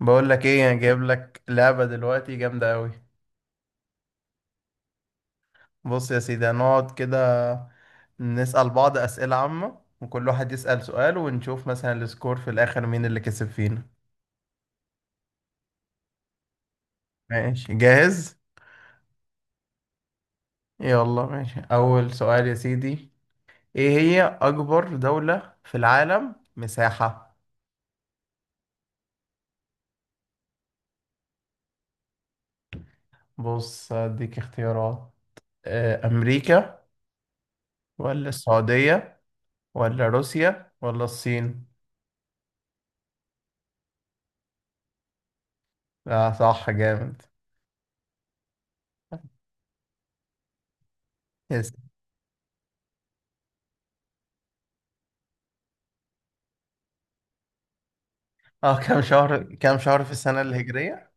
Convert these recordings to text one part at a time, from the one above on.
بقول لك ايه انا جايب لك لعبة دلوقتي جامدة قوي. بص يا سيدي، هنقعد كده نسأل بعض أسئلة عامة وكل واحد يسأل سؤال ونشوف مثلا السكور في الآخر مين اللي كسب فينا. ماشي جاهز. يلا ماشي، أول سؤال يا سيدي. ايه هي أكبر دولة في العالم مساحة؟ بص هديك اختيارات. أمريكا ولا السعودية ولا روسيا ولا الصين؟ لا صح، جامد. اه كام شهر، كام شهر في السنة الهجرية؟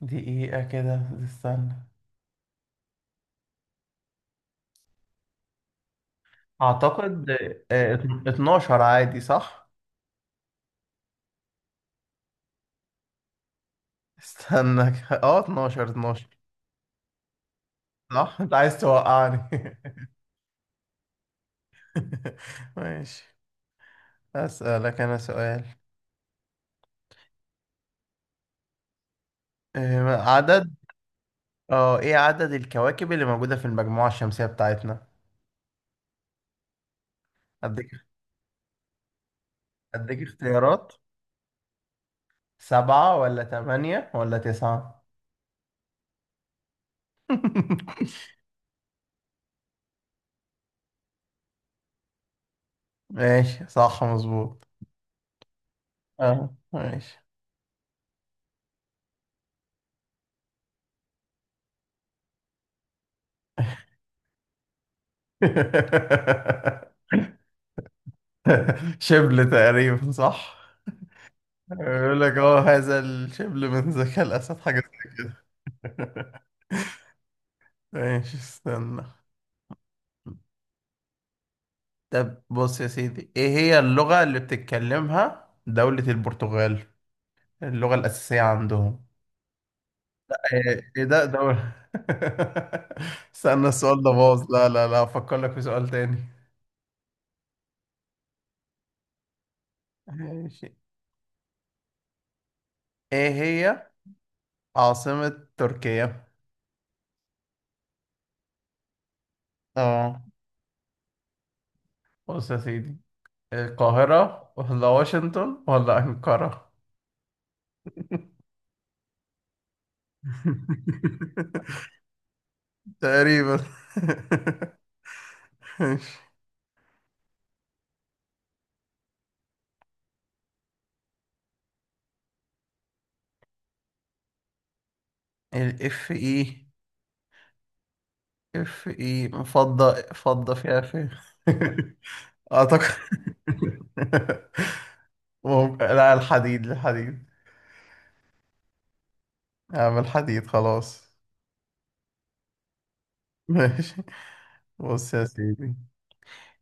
دقيقة كده استنى، اعتقد 12 عادي صح؟ استنى 12 12 صح. انت عايز توقعني؟ ماشي. اسألك انا سؤال. آه، عدد اه ايه عدد الكواكب اللي موجودة في المجموعة الشمسية بتاعتنا؟ اديك اديك اختيارات. سبعة ولا تمانية ولا تسعة؟ ماشي صح مظبوط. اه ماشي. شبل تقريبا صح. يقول لك هذا الشبل من ذكاء الأسد، حاجة زي كده. ماشي استنى. طب بص يا سيدي، ايه هي اللغة اللي بتتكلمها دولة البرتغال، اللغة الأساسية عندهم؟ ايه ده دولة استنى السؤال ده باظ، لا لا لا افكر لك في سؤال تاني. ماشي. ايه هي عاصمة تركيا؟ اه بص يا سيدي، القاهرة ولا واشنطن ولا أنقرة؟ تقريبا. ماشي. الاف اي. اف اي، فضة فيها فين. اعتقد لا، الحديد. اعمل حديد خلاص. ماشي، بص يا سيدي.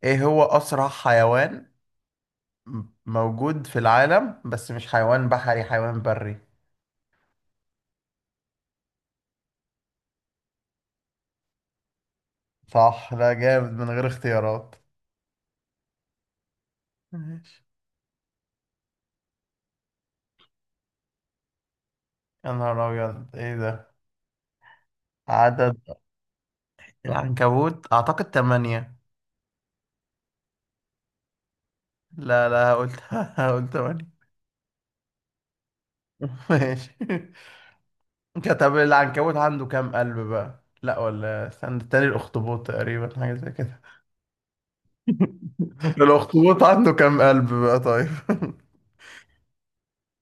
ايه هو اسرع حيوان موجود في العالم، بس مش حيوان بحري، حيوان بري؟ صح. لا جامد من غير اختيارات. ماشي. يا نهار أبيض إيه ده! عدد… العنكبوت أعتقد تمانية. لا لا، قلت قلت تمانية. ماشي. طب العنكبوت عنده كام قلب بقى، لا، ولا استنى تاني، الأخطبوط تقريبا حاجة زي كده. الأخطبوط عنده كام قلب بقى طيب؟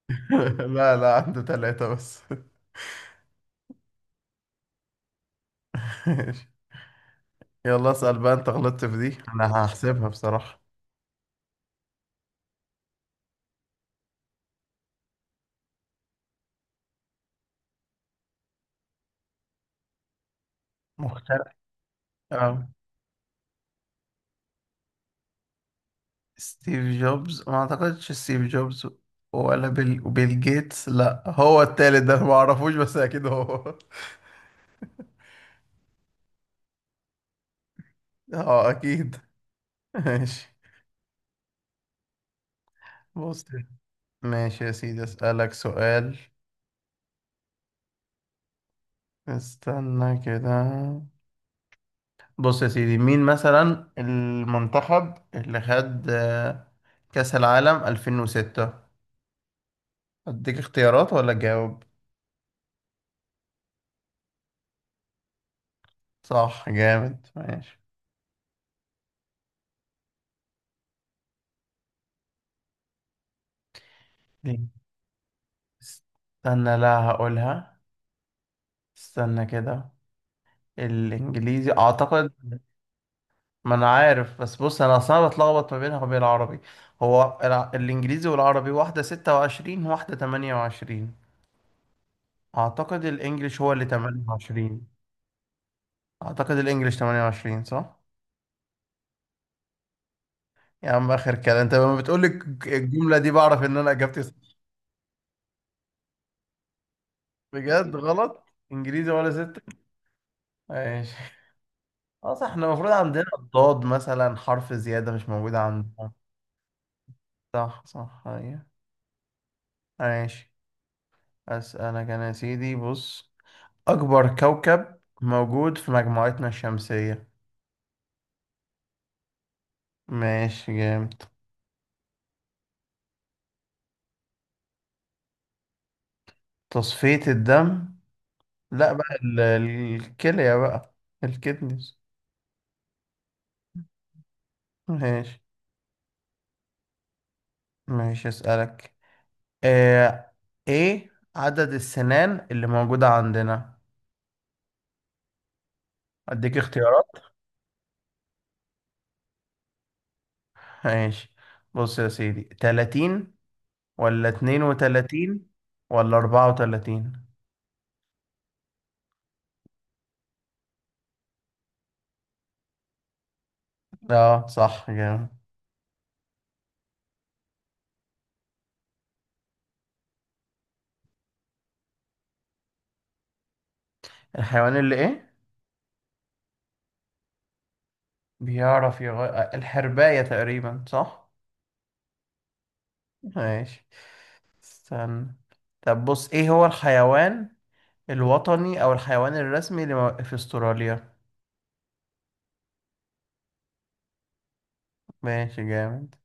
لا، لا عنده تلاتة بس. ماشي. يلا اسأل بقى، أنت غلطت في دي أنا هحسبها بصراحة. مختلف. آه. ستيف جوبز؟ ما اعتقدش ستيف جوبز ولا بيل جيتس، لا هو التالت ده أنا ما اعرفوش بس اكيد هو. اه اكيد. ماشي، بص. ماشي يا سيدي، اسالك سؤال، استنى كده. بص يا سيدي، مين مثلا المنتخب اللي خد كأس العالم 2006؟ اديك اختيارات ولا جاوب؟ صح، جامد. ماشي. ليه؟ استنى، لا هقولها. استنى كده، الانجليزي اعتقد… ما انا عارف بس بص، انا اصلا بتلخبط ما بينها وبين العربي، هو الانجليزي والعربي، واحدة 26 واحدة 28، اعتقد الانجليش هو اللي 28. اعتقد الانجليش 28 صح. يا عم اخر كلام، انت لما بتقولي الجملة دي بعرف ان انا اجابتي صح. بجد غلط؟ انجليزي ولا ستة؟ ماشي. اه صح، احنا المفروض عندنا الضاد مثلا حرف زيادة مش موجودة عندنا. صح صح، أيوة. ماشي. اسألك انا يا سيدي، بص، أكبر كوكب موجود في مجموعتنا الشمسية؟ ماشي جامد. تصفية الدم، لا بقى الكلية بقى. الكدنس. ماشي. ماشي أسألك. آه، إيه عدد السنان اللي موجودة عندنا؟ أديك اختيارات. ماشي. بص يا سيدي، 30 ولا 32 ولا 34؟ اه صح جامد. الحيوان اللي إيه بيعرف يغير… الحرباية تقريبا صح. ماشي استنى. طب بص، ايه هو الحيوان الوطني او الحيوان الرسمي في استراليا؟ ماشي جامد.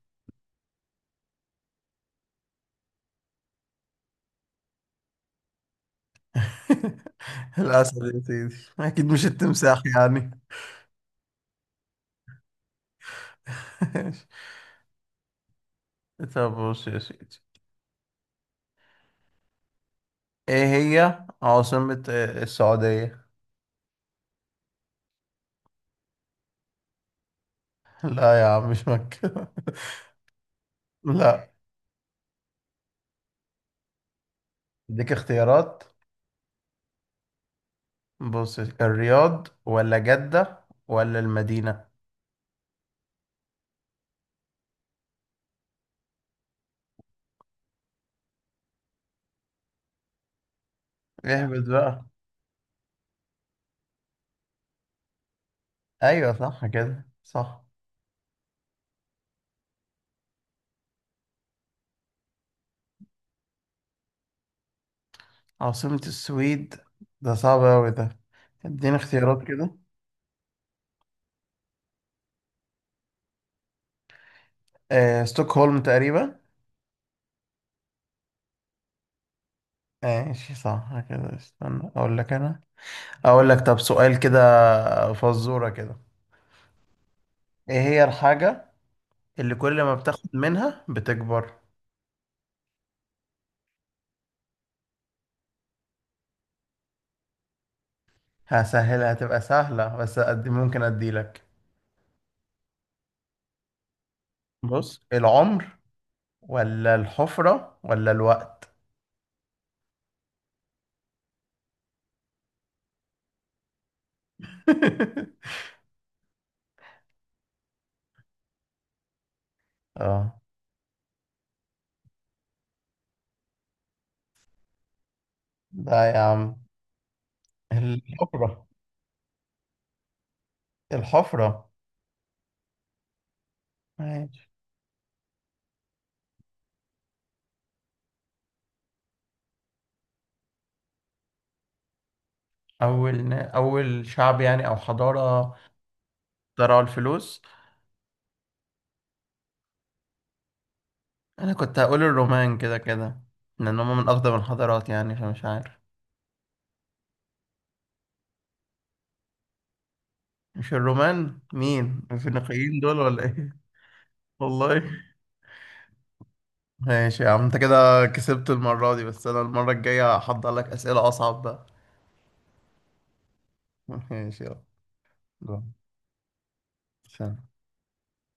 الاسد يا سيدي اكيد، مش التمساح يعني. طب بص يا سيدي، ايه هي عاصمة السعودية؟ لا يا عم مش مكة. لا، اديك اختيارات. بص، الرياض ولا جدة ولا المدينة؟ اهبط بقى. ايوه صح كده، صح. عاصمة السويد، ده صعب أوي ده، اديني اختيارات كده. ستوكهولم تقريبا. ماشي صح كده. استنى أقول لك أنا، أقول لك طب سؤال كده، فزورة كده. إيه هي الحاجة اللي كل ما بتاخد منها بتكبر؟ هسهلها، هتبقى سهلة بس قد ممكن أديلك. بص، العمر ولا الحفرة ولا الوقت؟ اه ده يا عم الحفرة. الحفرة. ماشي. أول شعب يعني أو حضارة اخترعوا الفلوس؟ أنا كنت هقول الرومان كده كده، لأن هما من أقدم الحضارات يعني، فمش عارف. مش الرومان؟ مين الفينيقيين دول ولا إيه؟ والله. ماشي يا عم، أنت كده كسبت المرة دي، بس أنا المرة الجاية هحضر لك أسئلة أصعب بقى. ماشي يلا. باي. سلام.